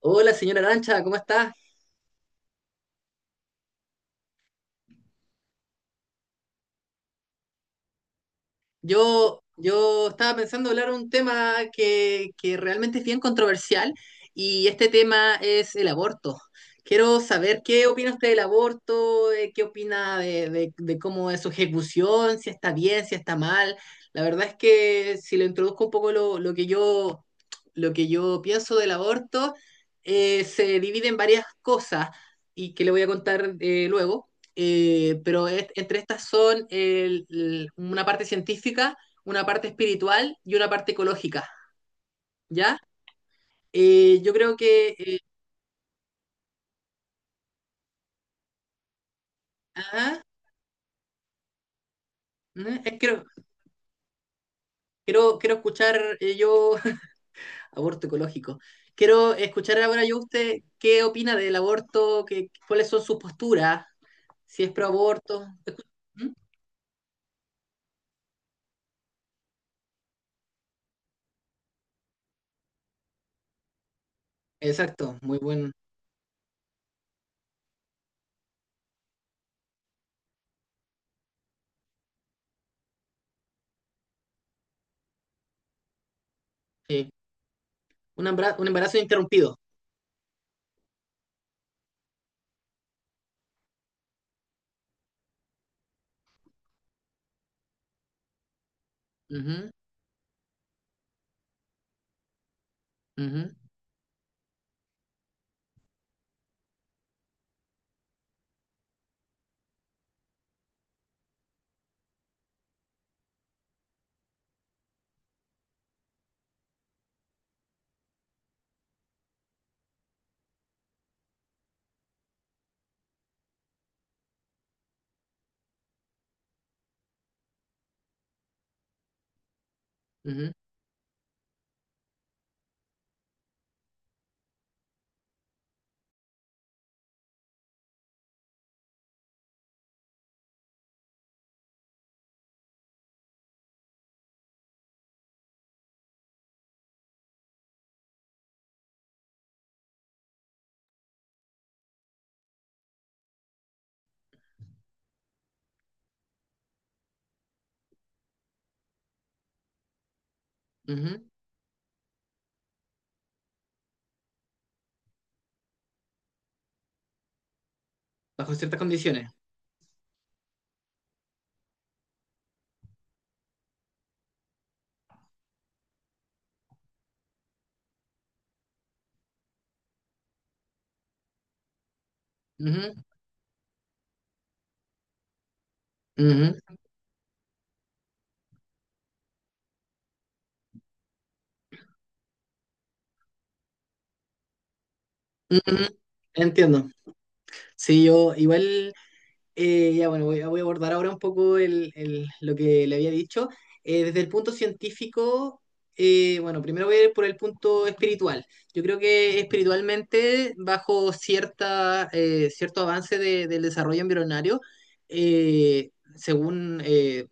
Hola, señora Arancha, ¿cómo está? Yo estaba pensando hablar un tema que realmente es bien controversial y este tema es el aborto. Quiero saber qué opina usted del aborto, qué opina de cómo es su ejecución, si está bien, si está mal. La verdad es que si le introduzco un poco lo que yo pienso del aborto, se divide en varias cosas y que le voy a contar luego. Pero entre estas son una parte científica, una parte espiritual y una parte ecológica, ¿ya? Yo creo que ajá, ujú, quiero, quiero escuchar yo... Aborto ecológico. Quiero escuchar ahora yo usted qué opina del aborto, qué, cuáles son sus posturas, si es pro aborto. Ujú. Exacto, muy buen... Sí. Un embarazo interrumpido. Ujú, ujú, ujú, ujú. Bajo ciertas condiciones. Ujú, ujú. Ujú. Entiendo. Sí, yo igual, ya bueno, voy, voy a abordar ahora un poco lo que le había dicho. Desde el punto científico, bueno, primero voy a ir por el punto espiritual. Yo creo que espiritualmente, bajo cierta, cierto avance del desarrollo embrionario, eh, según eh,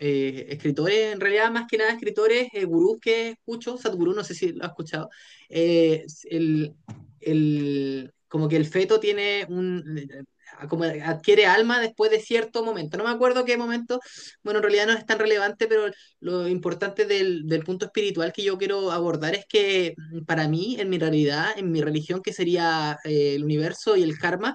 eh, escritores, en realidad más que nada escritores, gurús que escucho, Sadhguru, no sé si lo has escuchado, eh, el, como que el feto tiene un, como adquiere alma después de cierto momento. No me acuerdo qué momento, bueno, en realidad no es tan relevante, pero lo importante del, del punto espiritual que yo quiero abordar es que para mí, en mi realidad, en mi religión, que sería el universo y el karma,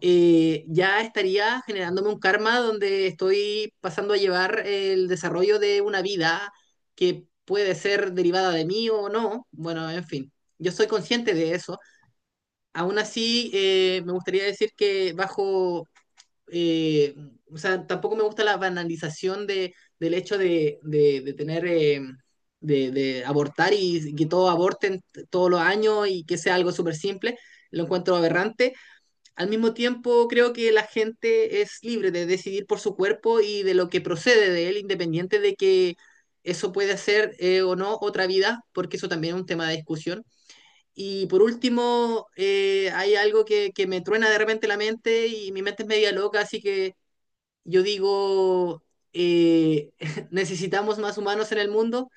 ya estaría generándome un karma donde estoy pasando a llevar el desarrollo de una vida que puede ser derivada de mí o no. Bueno, en fin. Yo soy consciente de eso. Aún así, me gustaría decir que bajo eh, o sea, tampoco me gusta la banalización del hecho de tener, de abortar y que todos aborten todos los años y que sea algo súper simple. Lo encuentro aberrante. Al mismo tiempo, creo que la gente es libre de decidir por su cuerpo y de lo que procede de él, independiente de que eso puede hacer o no otra vida, porque eso también es un tema de discusión. Y por último, hay algo que me truena de repente la mente y mi mente es media loca, así que yo digo, eh, necesitamos más humanos en el mundo.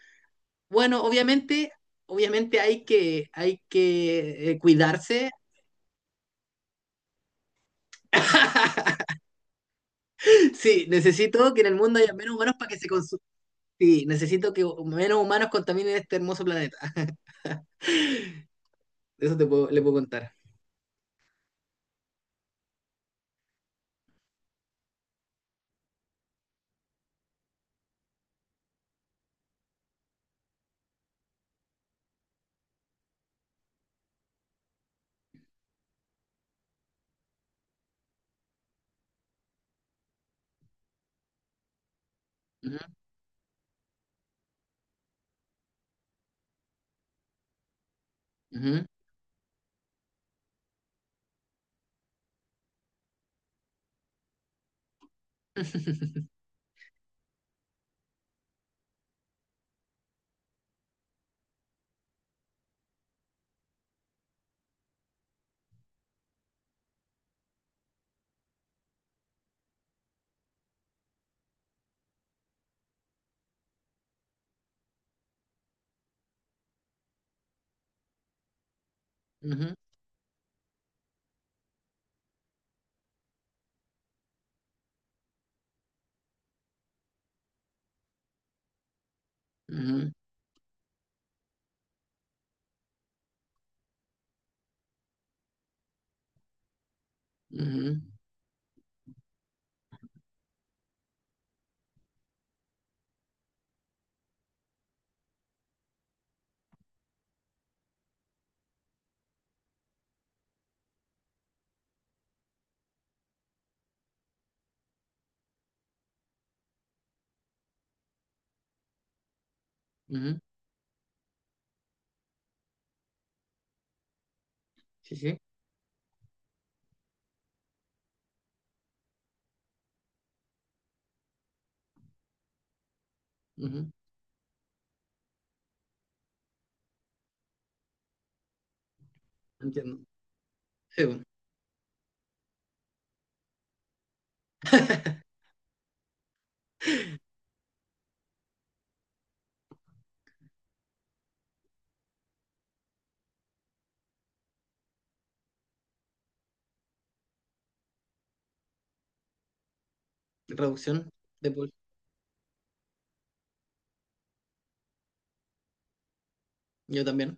Bueno, obviamente, obviamente hay hay que cuidarse. Sí, necesito que en el mundo haya menos humanos para que se consuma. Sí, necesito que menos humanos contaminen este hermoso planeta. Eso te puedo, le puedo contar. Ujú, ujú. Ujú, ujú, ujú, ujú. Sí, sí. Ujú. Entiendo. Sí, bueno, reducción de Yo también.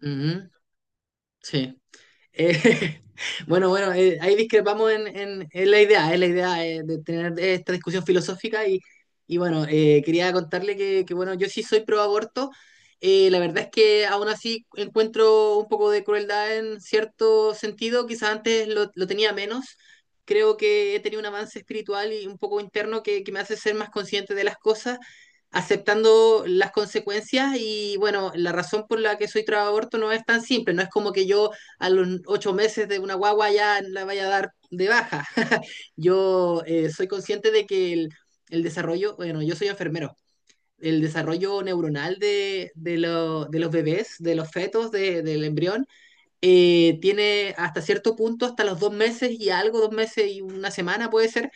Ujú. Sí. Eh, bueno, bueno, ahí discrepamos en, en la idea, es la idea de tener esta discusión filosófica y bueno, quería contarle bueno, yo sí soy pro aborto, la verdad es que aún así encuentro un poco de crueldad en cierto sentido, quizás antes lo tenía menos, creo que he tenido un avance espiritual y un poco interno que me hace ser más consciente de las cosas, aceptando las consecuencias y bueno, la razón por la que soy pro aborto no es tan simple, no es como que yo a los 8 meses de una guagua ya la vaya a dar de baja. Yo soy consciente de que el, desarrollo, bueno, yo soy enfermero, el desarrollo neuronal de los bebés, de los fetos, de, del embrión, tiene hasta cierto punto, hasta los 2 meses y algo, 2 meses y 1 semana puede ser,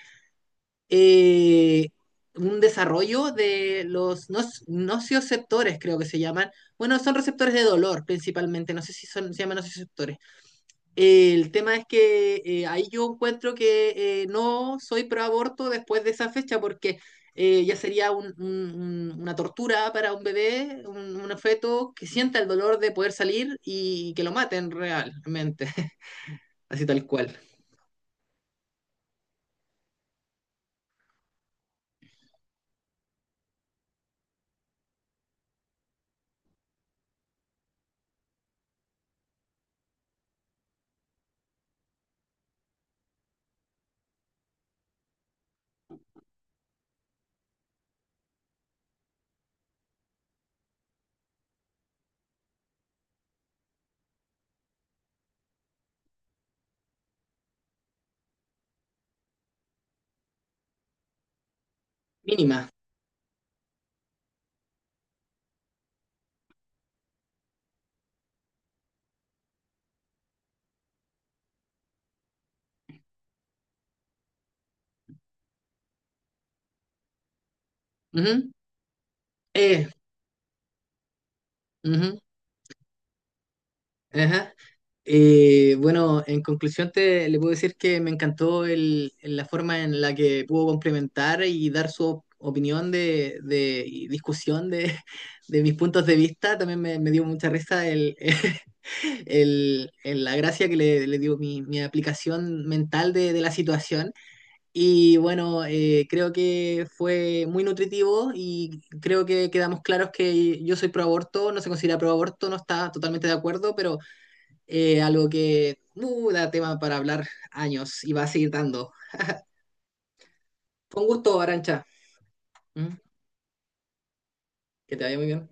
eh, un desarrollo de los nocioceptores, creo que se llaman. Bueno, son receptores de dolor principalmente, no sé si son, se llaman nocioceptores. El tema es que ahí yo encuentro que no soy pro aborto después de esa fecha porque ya sería una tortura para un bebé, un feto que sienta el dolor de poder salir y que lo maten realmente, así tal cual. Mínima. Ujú. Eh, Ujú, ajá. Bueno, en conclusión te le puedo decir que me encantó el, la forma en la que pudo complementar y dar su opinión y discusión de, de mis puntos de vista. También me dio mucha risa el, la gracia que le dio mi, mi aplicación mental de la situación. Y bueno, creo que fue muy nutritivo y creo que quedamos claros que yo soy pro aborto, no se considera pro aborto, no está totalmente de acuerdo, pero... Algo que da tema para hablar años y va a seguir dando. Con gusto, Arancha. ¿Mm? Que te vaya muy bien.